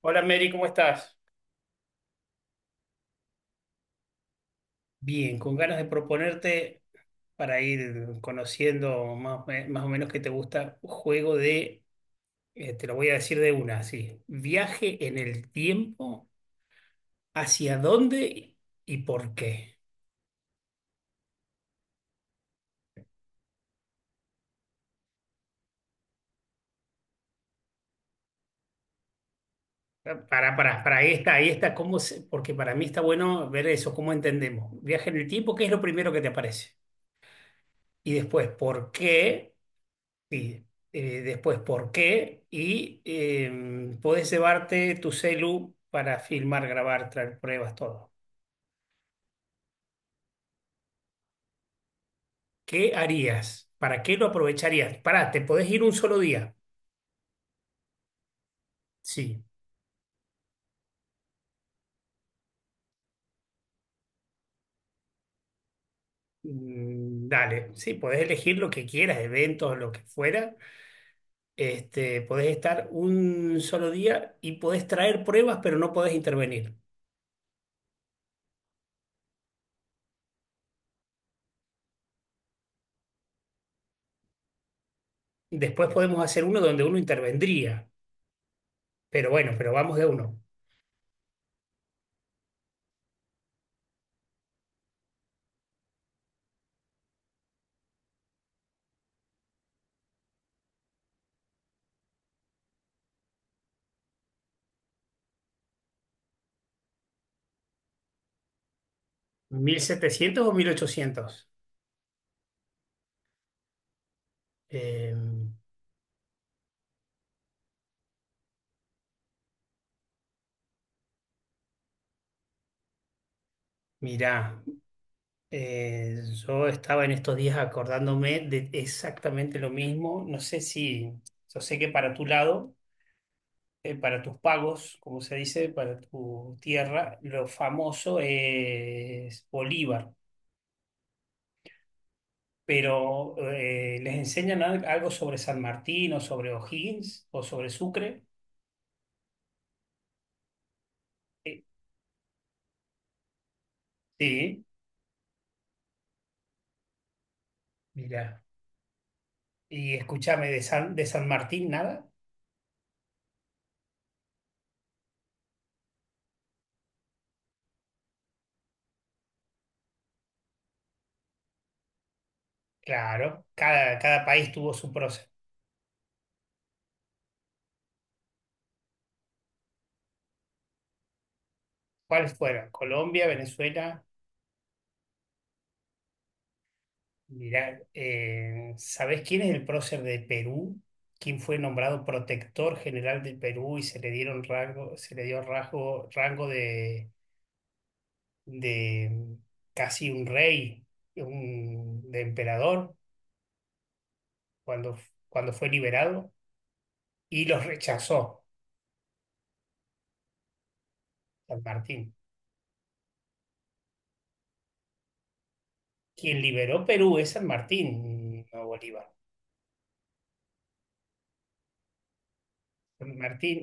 Hola Mary, ¿cómo estás? Bien, con ganas de proponerte para ir conociendo más, más o menos qué te gusta, un juego de, te lo voy a decir de una, así, viaje en el tiempo, ¿hacia dónde y por qué? Para, ahí está, porque para mí está bueno ver eso, cómo entendemos. Viaje en el tiempo, ¿qué es lo primero que te aparece? Y después, ¿por qué? Sí, después por qué y podés llevarte tu celu para filmar, grabar, traer pruebas, todo. ¿Qué harías? ¿Para qué lo aprovecharías? Pará, te podés ir un solo día. Sí. Dale, sí, podés elegir lo que quieras, eventos, lo que fuera. Podés estar un solo día y podés traer pruebas, pero no podés intervenir. Después podemos hacer uno donde uno intervendría, pero bueno, pero vamos de uno. 1700 o 1800. Eh, Mirá, eh, yo estaba en estos días acordándome de exactamente lo mismo. No sé si, Yo sé que para tu lado, para tus pagos, como se dice, para tu tierra, lo famoso es Bolívar, pero ¿les enseñan algo sobre San Martín o sobre O'Higgins o sobre Sucre? Eh, sí, mira. Y escúchame, de San Martín, nada. Claro, cada país tuvo su proceso. ¿Cuáles fueron? Colombia, Venezuela. Mirá, ¿sabés quién es el prócer de Perú? ¿Quién fue nombrado protector general del Perú y se le dieron rango, se le dio rango de casi un rey, de emperador, cuando, cuando fue liberado? Y los rechazó San Martín. Quien liberó Perú es San Martín, no Bolívar. San Martín.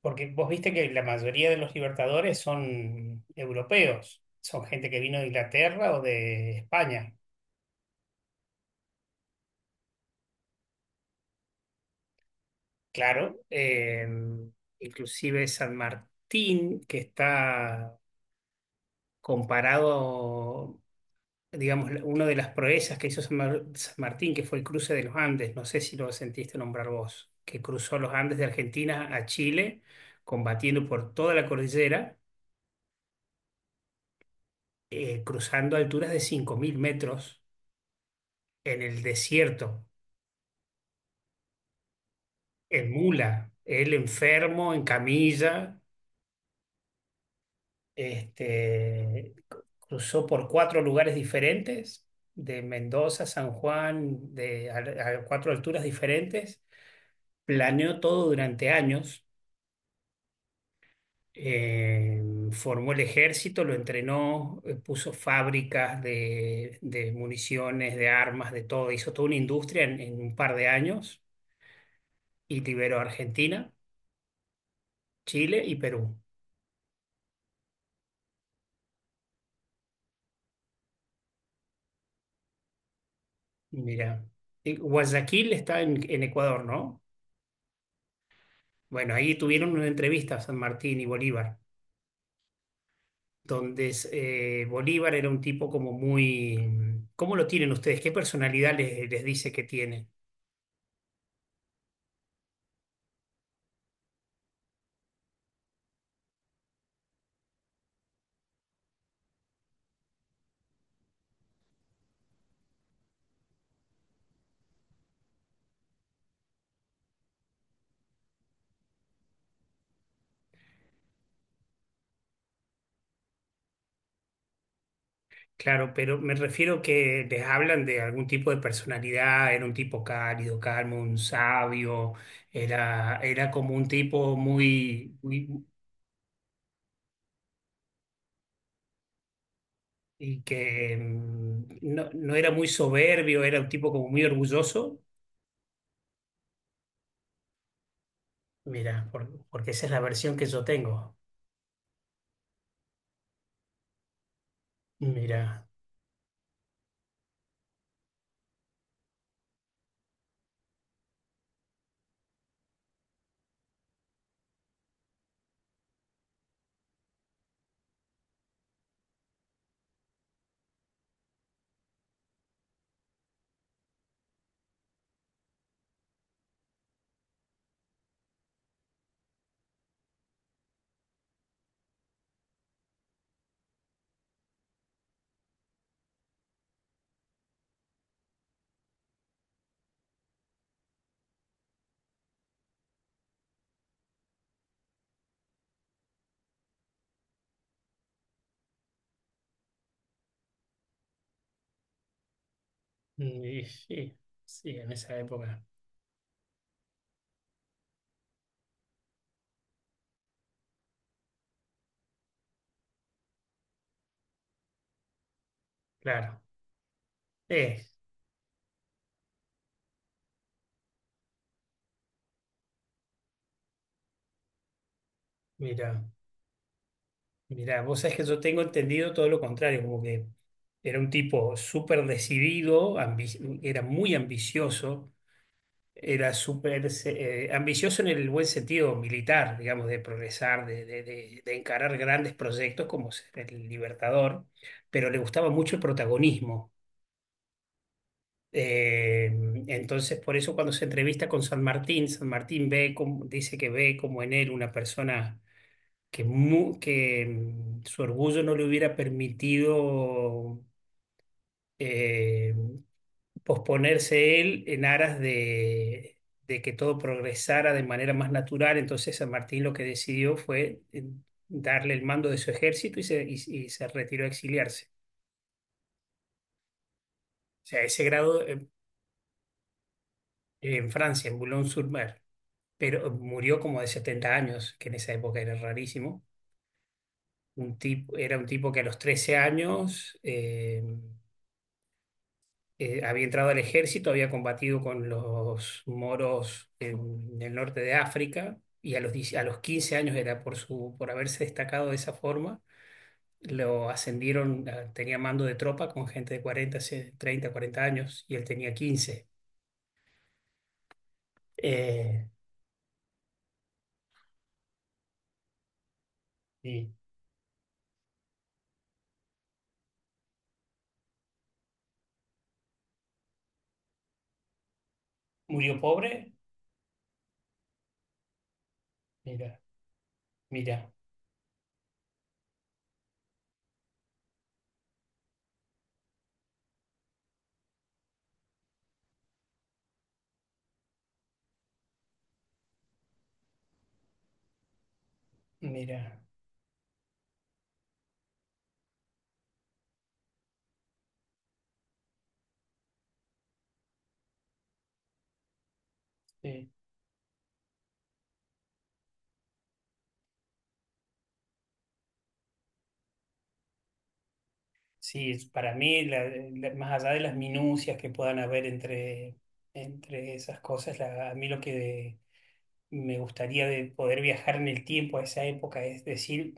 Porque vos viste que la mayoría de los libertadores son europeos, son gente que vino de Inglaterra o de España. Claro, inclusive San Martín, que está comparado, digamos, una de las proezas que hizo San Martín, que fue el cruce de los Andes, no sé si lo sentiste nombrar vos, que cruzó los Andes de Argentina a Chile, combatiendo por toda la cordillera, cruzando alturas de 5.000 metros en el desierto en mula, él enfermo, en camilla, este, cruzó por cuatro lugares diferentes, de Mendoza, San Juan, a cuatro alturas diferentes, planeó todo durante años, eh, formó el ejército, lo entrenó, puso fábricas de municiones, de armas, de todo, hizo toda una industria en un par de años y liberó a Argentina, Chile y Perú. Mira. Guayaquil está en Ecuador, ¿no? Bueno, ahí tuvieron una entrevista San Martín y Bolívar, Bolívar era un tipo como muy... ¿Cómo lo tienen ustedes? ¿Qué personalidad les dice que tiene? Claro, pero me refiero que les hablan de algún tipo de personalidad, era un tipo cálido, calmo, un sabio, era como un tipo muy, muy. Y que no, no era muy soberbio, era un tipo como muy orgulloso. Mira, porque esa es la versión que yo tengo. Mira, y sí, sí, en esa época, claro. Eh, Mira, mira, vos sabés que yo tengo entendido todo lo contrario, como que era un tipo súper decidido, era muy ambicioso, era súper ambicioso en el buen sentido militar, digamos, de progresar, de encarar grandes proyectos como ser el Libertador, pero le gustaba mucho el protagonismo. Eh, entonces, por eso cuando se entrevista con San Martín, San Martín ve como, dice que ve como en él una persona que su orgullo no le hubiera permitido eh, posponerse él en aras de que todo progresara de manera más natural. Entonces, San Martín lo que decidió fue darle el mando de su ejército y se retiró a exiliarse. O sea, a ese grado en Francia, en Boulogne-sur-Mer. Pero murió como de 70 años, que en esa época era rarísimo. Un tipo, era un tipo que a los 13 años había entrado al ejército, había combatido con los moros en el norte de África y a los, 10 a los 15 años era por haberse destacado de esa forma. Lo ascendieron, tenía mando de tropa con gente de 30, 40 años y él tenía 15. Eh, y murió pobre. Mira, mira, mira. eh, Sí, para mí, más allá de las minucias que puedan haber entre esas cosas, a mí lo que me gustaría de poder viajar en el tiempo a esa época es decir,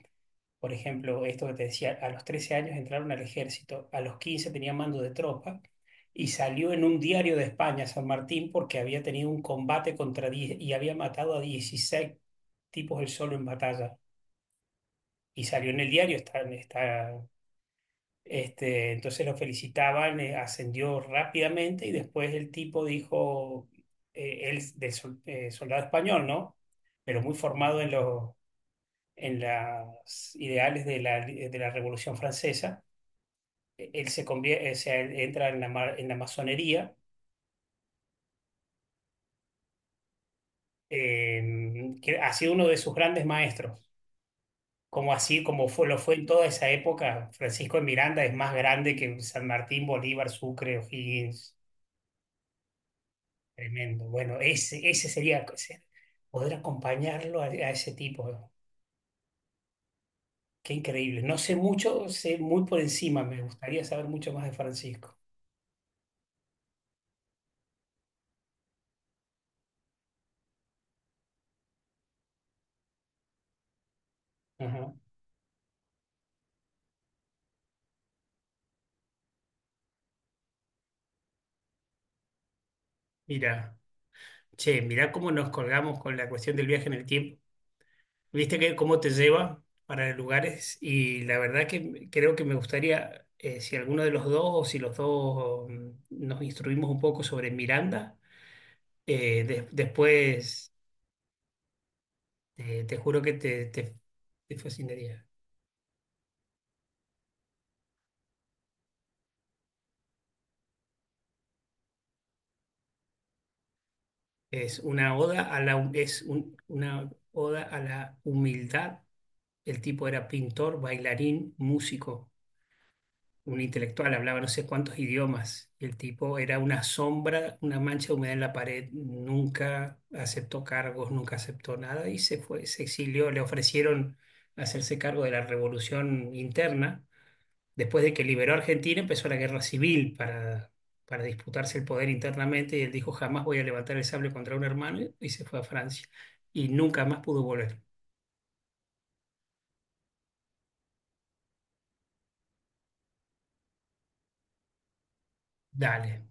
por ejemplo, esto que te decía, a los 13 años entraron al ejército, a los 15 tenía mando de tropa y salió en un diario de España, San Martín, porque había tenido un combate contra 10 y había matado a 16 tipos él solo en batalla. Y salió en el diario, está, entonces lo felicitaban, ascendió rápidamente y después el tipo dijo, soldado español, ¿no? Pero muy formado en los en las ideales de la Revolución Francesa. Él se convierte, entra en la masonería, que ha sido uno de sus grandes maestros. Como así, como fue, lo fue en toda esa época, Francisco de Miranda es más grande que San Martín, Bolívar, Sucre, O'Higgins. Tremendo. Bueno, ese sería o sea, poder acompañarlo a ese tipo. Qué increíble. No sé mucho, sé muy por encima. Me gustaría saber mucho más de Francisco. Ajá. Mira, che, mira cómo nos colgamos con la cuestión del viaje en el tiempo. Viste que cómo te lleva para lugares y la verdad que creo que me gustaría, si alguno de los dos o si los dos nos instruimos un poco sobre Miranda, después te juro que te fascinaría. Es una oda a la, es un- una oda a la humildad. El tipo era pintor, bailarín, músico, un intelectual, hablaba no sé cuántos idiomas. El tipo era una sombra, una mancha de humedad en la pared. Nunca aceptó cargos, nunca aceptó nada y se fue, se exilió. Le ofrecieron hacerse cargo de la revolución interna después de que liberó a Argentina, empezó la guerra civil para disputarse el poder internamente y él dijo, jamás voy a levantar el sable contra un hermano y se fue a Francia y nunca más pudo volver. Dale,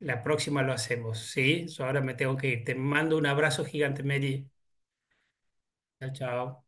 la próxima lo hacemos, ¿sí? Yo ahora me tengo que ir. Te mando un abrazo gigante, Mary. Chao, chao.